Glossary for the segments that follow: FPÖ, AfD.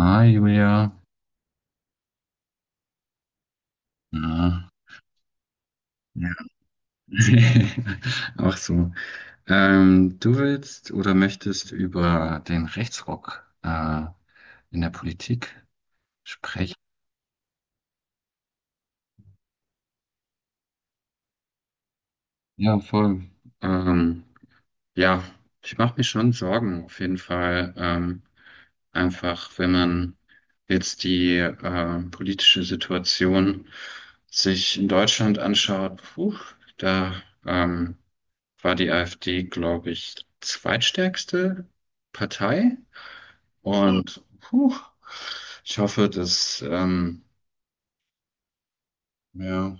Hi Julia. Ja. Ja. Auch so. Du willst oder möchtest über den Rechtsruck in der Politik sprechen? Ja, voll. Ähm, ja, ich mache mir schon Sorgen auf jeden Fall. Einfach, wenn man jetzt die politische Situation sich in Deutschland anschaut, puh, da ähm, war die AfD, glaube ich, zweitstärkste Partei. Hm. Und puh, ich hoffe, dass, ja,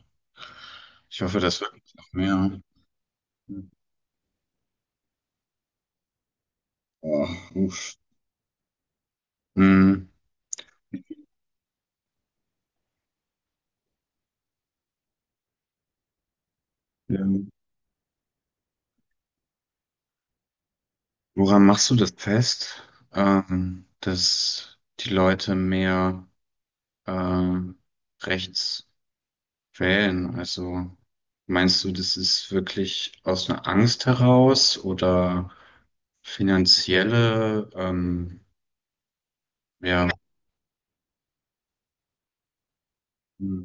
ich hoffe, dass wirklich noch mehr. Oh, uff. Hm. Ähm, woran machst du das fest, dass die Leute mehr ähm, rechts wählen? Also meinst du, das ist wirklich aus einer Angst heraus oder finanzielle ja, hm,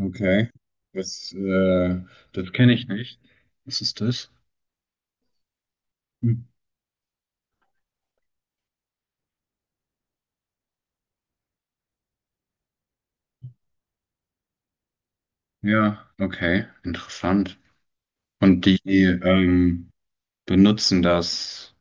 okay. Das, äh, das kenne ich nicht. Was ist das? Hm. Ja, okay, interessant. Und die ähm, benutzen das.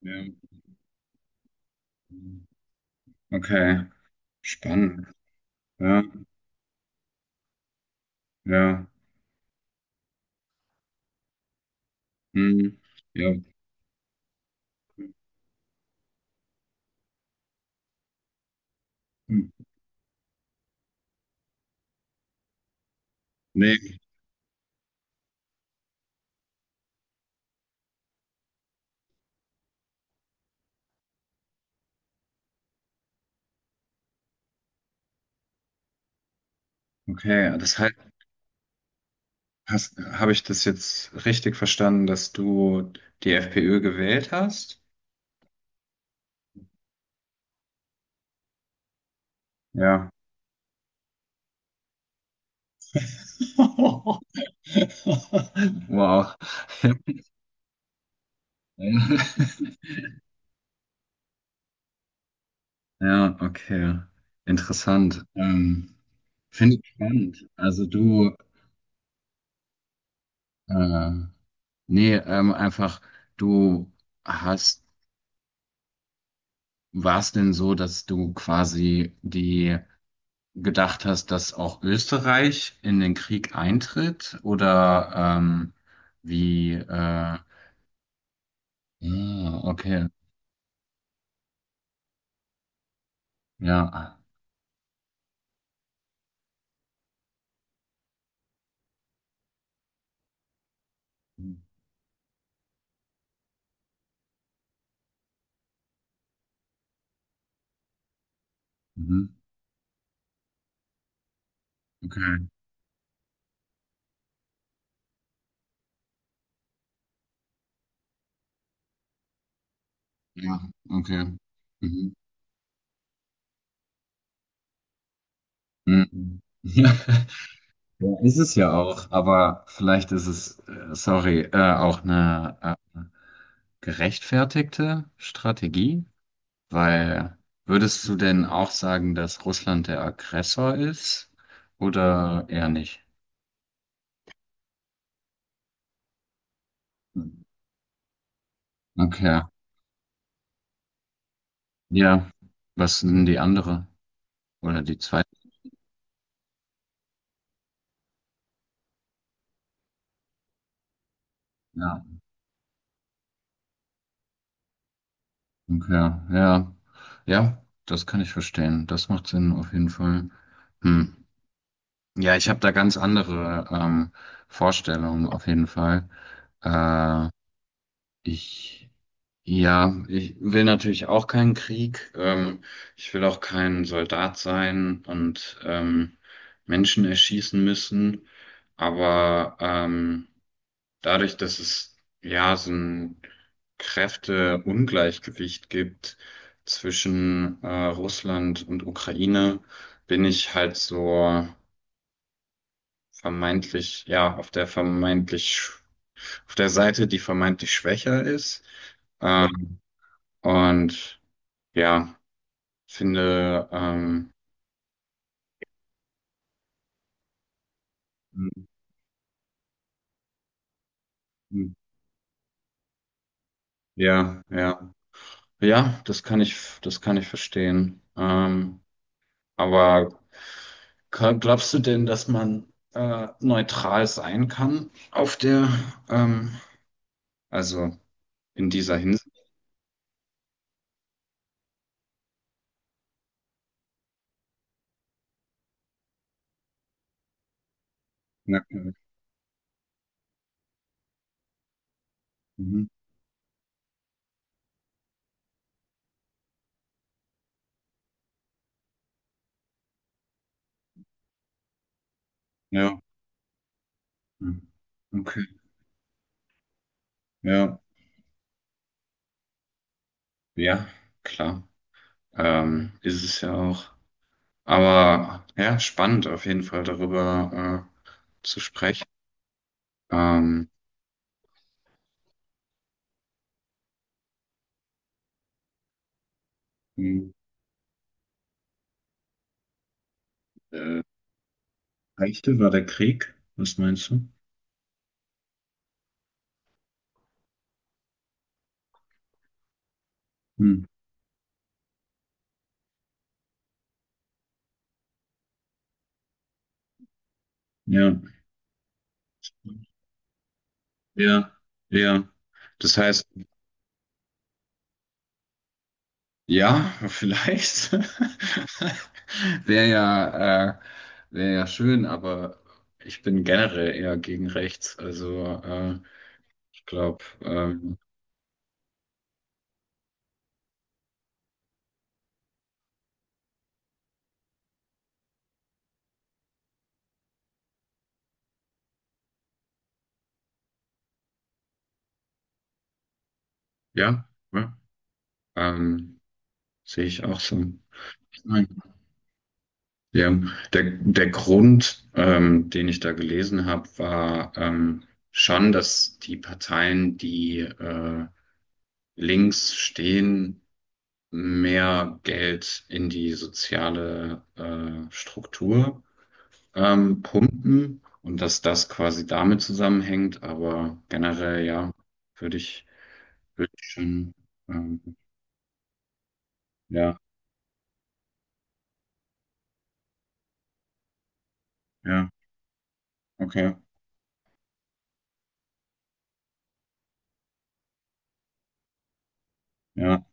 Ja. Okay, spannend. Ja, ja. Hm. Ja. Hm. Nee, okay. Das heißt, hast, habe ich das jetzt richtig verstanden, dass du die FPÖ gewählt hast? Ja. Wow. Ja, ja, okay. Interessant. Finde ich spannend. Also du, äh, nee, einfach, du hast, war es denn so, dass du quasi die gedacht hast, dass auch Österreich in den Krieg eintritt? Oder ähm, wie, okay. Ja. Mhm. Okay. Ja, okay. Mhm. Mhm. Ja, ist es ja auch, aber vielleicht ist es, sorry, auch eine gerechtfertigte Strategie, weil würdest du denn auch sagen, dass Russland der Aggressor ist oder eher nicht? Okay, ja, was sind die andere oder die zweite? Ja, okay, ja, ja, das kann ich verstehen, das macht Sinn auf jeden Fall. Hm. Ja, ich habe da ganz andere Vorstellungen auf jeden Fall. Äh, ich, ja, ich will natürlich auch keinen Krieg. Ich will auch kein Soldat sein und Menschen erschießen müssen. Aber dadurch, dass es ja so ein Kräfteungleichgewicht gibt zwischen Russland und Ukraine, bin ich halt so vermeintlich, ja, auf der auf der Seite, die vermeintlich schwächer ist. Ähm, und ja, finde, ja, ja, ja, das kann ich verstehen. Aber glaubst du denn, dass man neutral sein kann auf der, ähm, also in dieser Hinsicht? Ja, ja. Mhm. Ja, mhm, okay, ja, ja, klar. Ist es ja auch. Aber ja, spannend auf jeden Fall darüber zu sprechen. Ähm, hm, äh, Geschichte war der Krieg? Was meinst du? Hm, ja, ja, ja. Das heißt, ja, vielleicht. Wäre ja, äh, wäre ja schön, aber ich bin generell eher gegen rechts. Also ich glaube, ja, ja, ähm, sehe ich auch so. Ja, der Grund, den ich da gelesen habe, war schon, dass die Parteien, die links stehen, mehr Geld in die soziale Struktur pumpen und dass das quasi damit zusammenhängt. Aber generell, ja, würde ich, würde ich schon, ähm, ja, ja, okay, ja.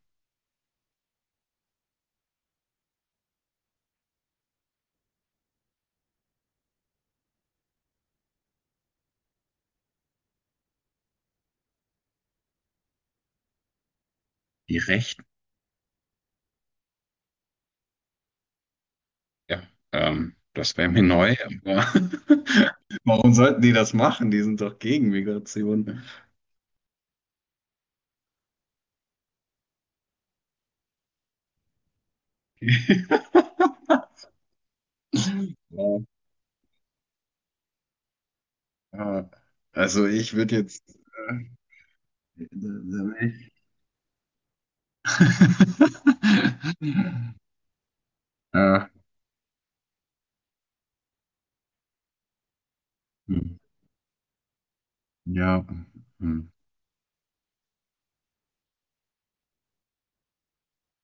Die Rechte. Ja, das wäre mir neu. Aber warum sollten die das machen? Die sind doch gegen Migration. Ja, ja. Also ich würde jetzt. Äh, da wär ich. Äh, hm, ja. Hm,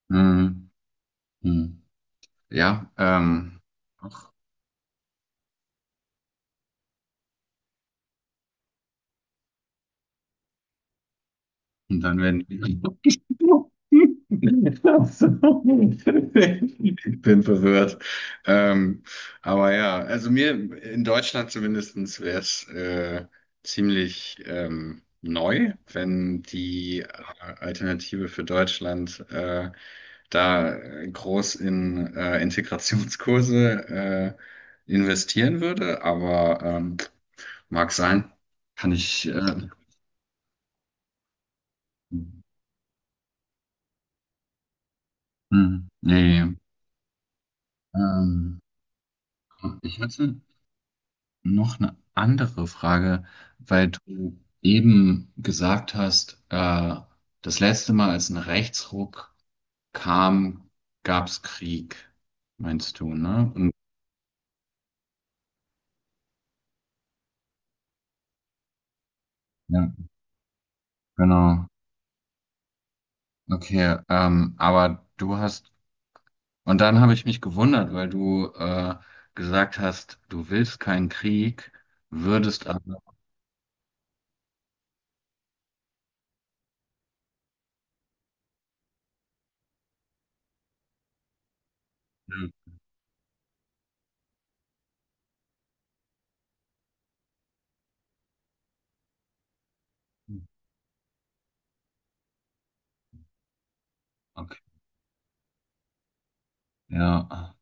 hm, hm, hm. Ja. Und dann werden die. Ich bin verwirrt. Ähm, aber ja, also mir in Deutschland zumindestens wäre es ziemlich neu, wenn die Alternative für Deutschland da groß in Integrationskurse investieren würde. Aber mag sein, kann ich. Hm, nee. Ähm, ich hatte noch eine andere Frage, weil du eben gesagt hast, das letzte Mal, als ein Rechtsruck kam, gab es Krieg, meinst du, ne? Und, ja, genau. Okay, aber du hast, und dann habe ich mich gewundert, weil du gesagt hast, du willst keinen Krieg, würdest aber, okay, ja,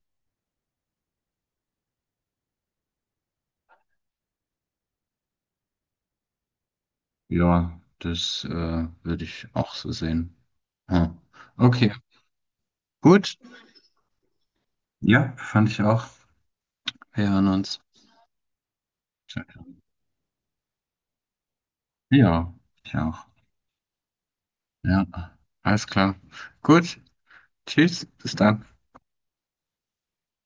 ja, das würde ich auch so sehen. Ah, okay, gut. Ja, fand ich auch. Wir hören uns. Ja, ich auch. Ja, alles klar. Gut, tschüss, bis dann.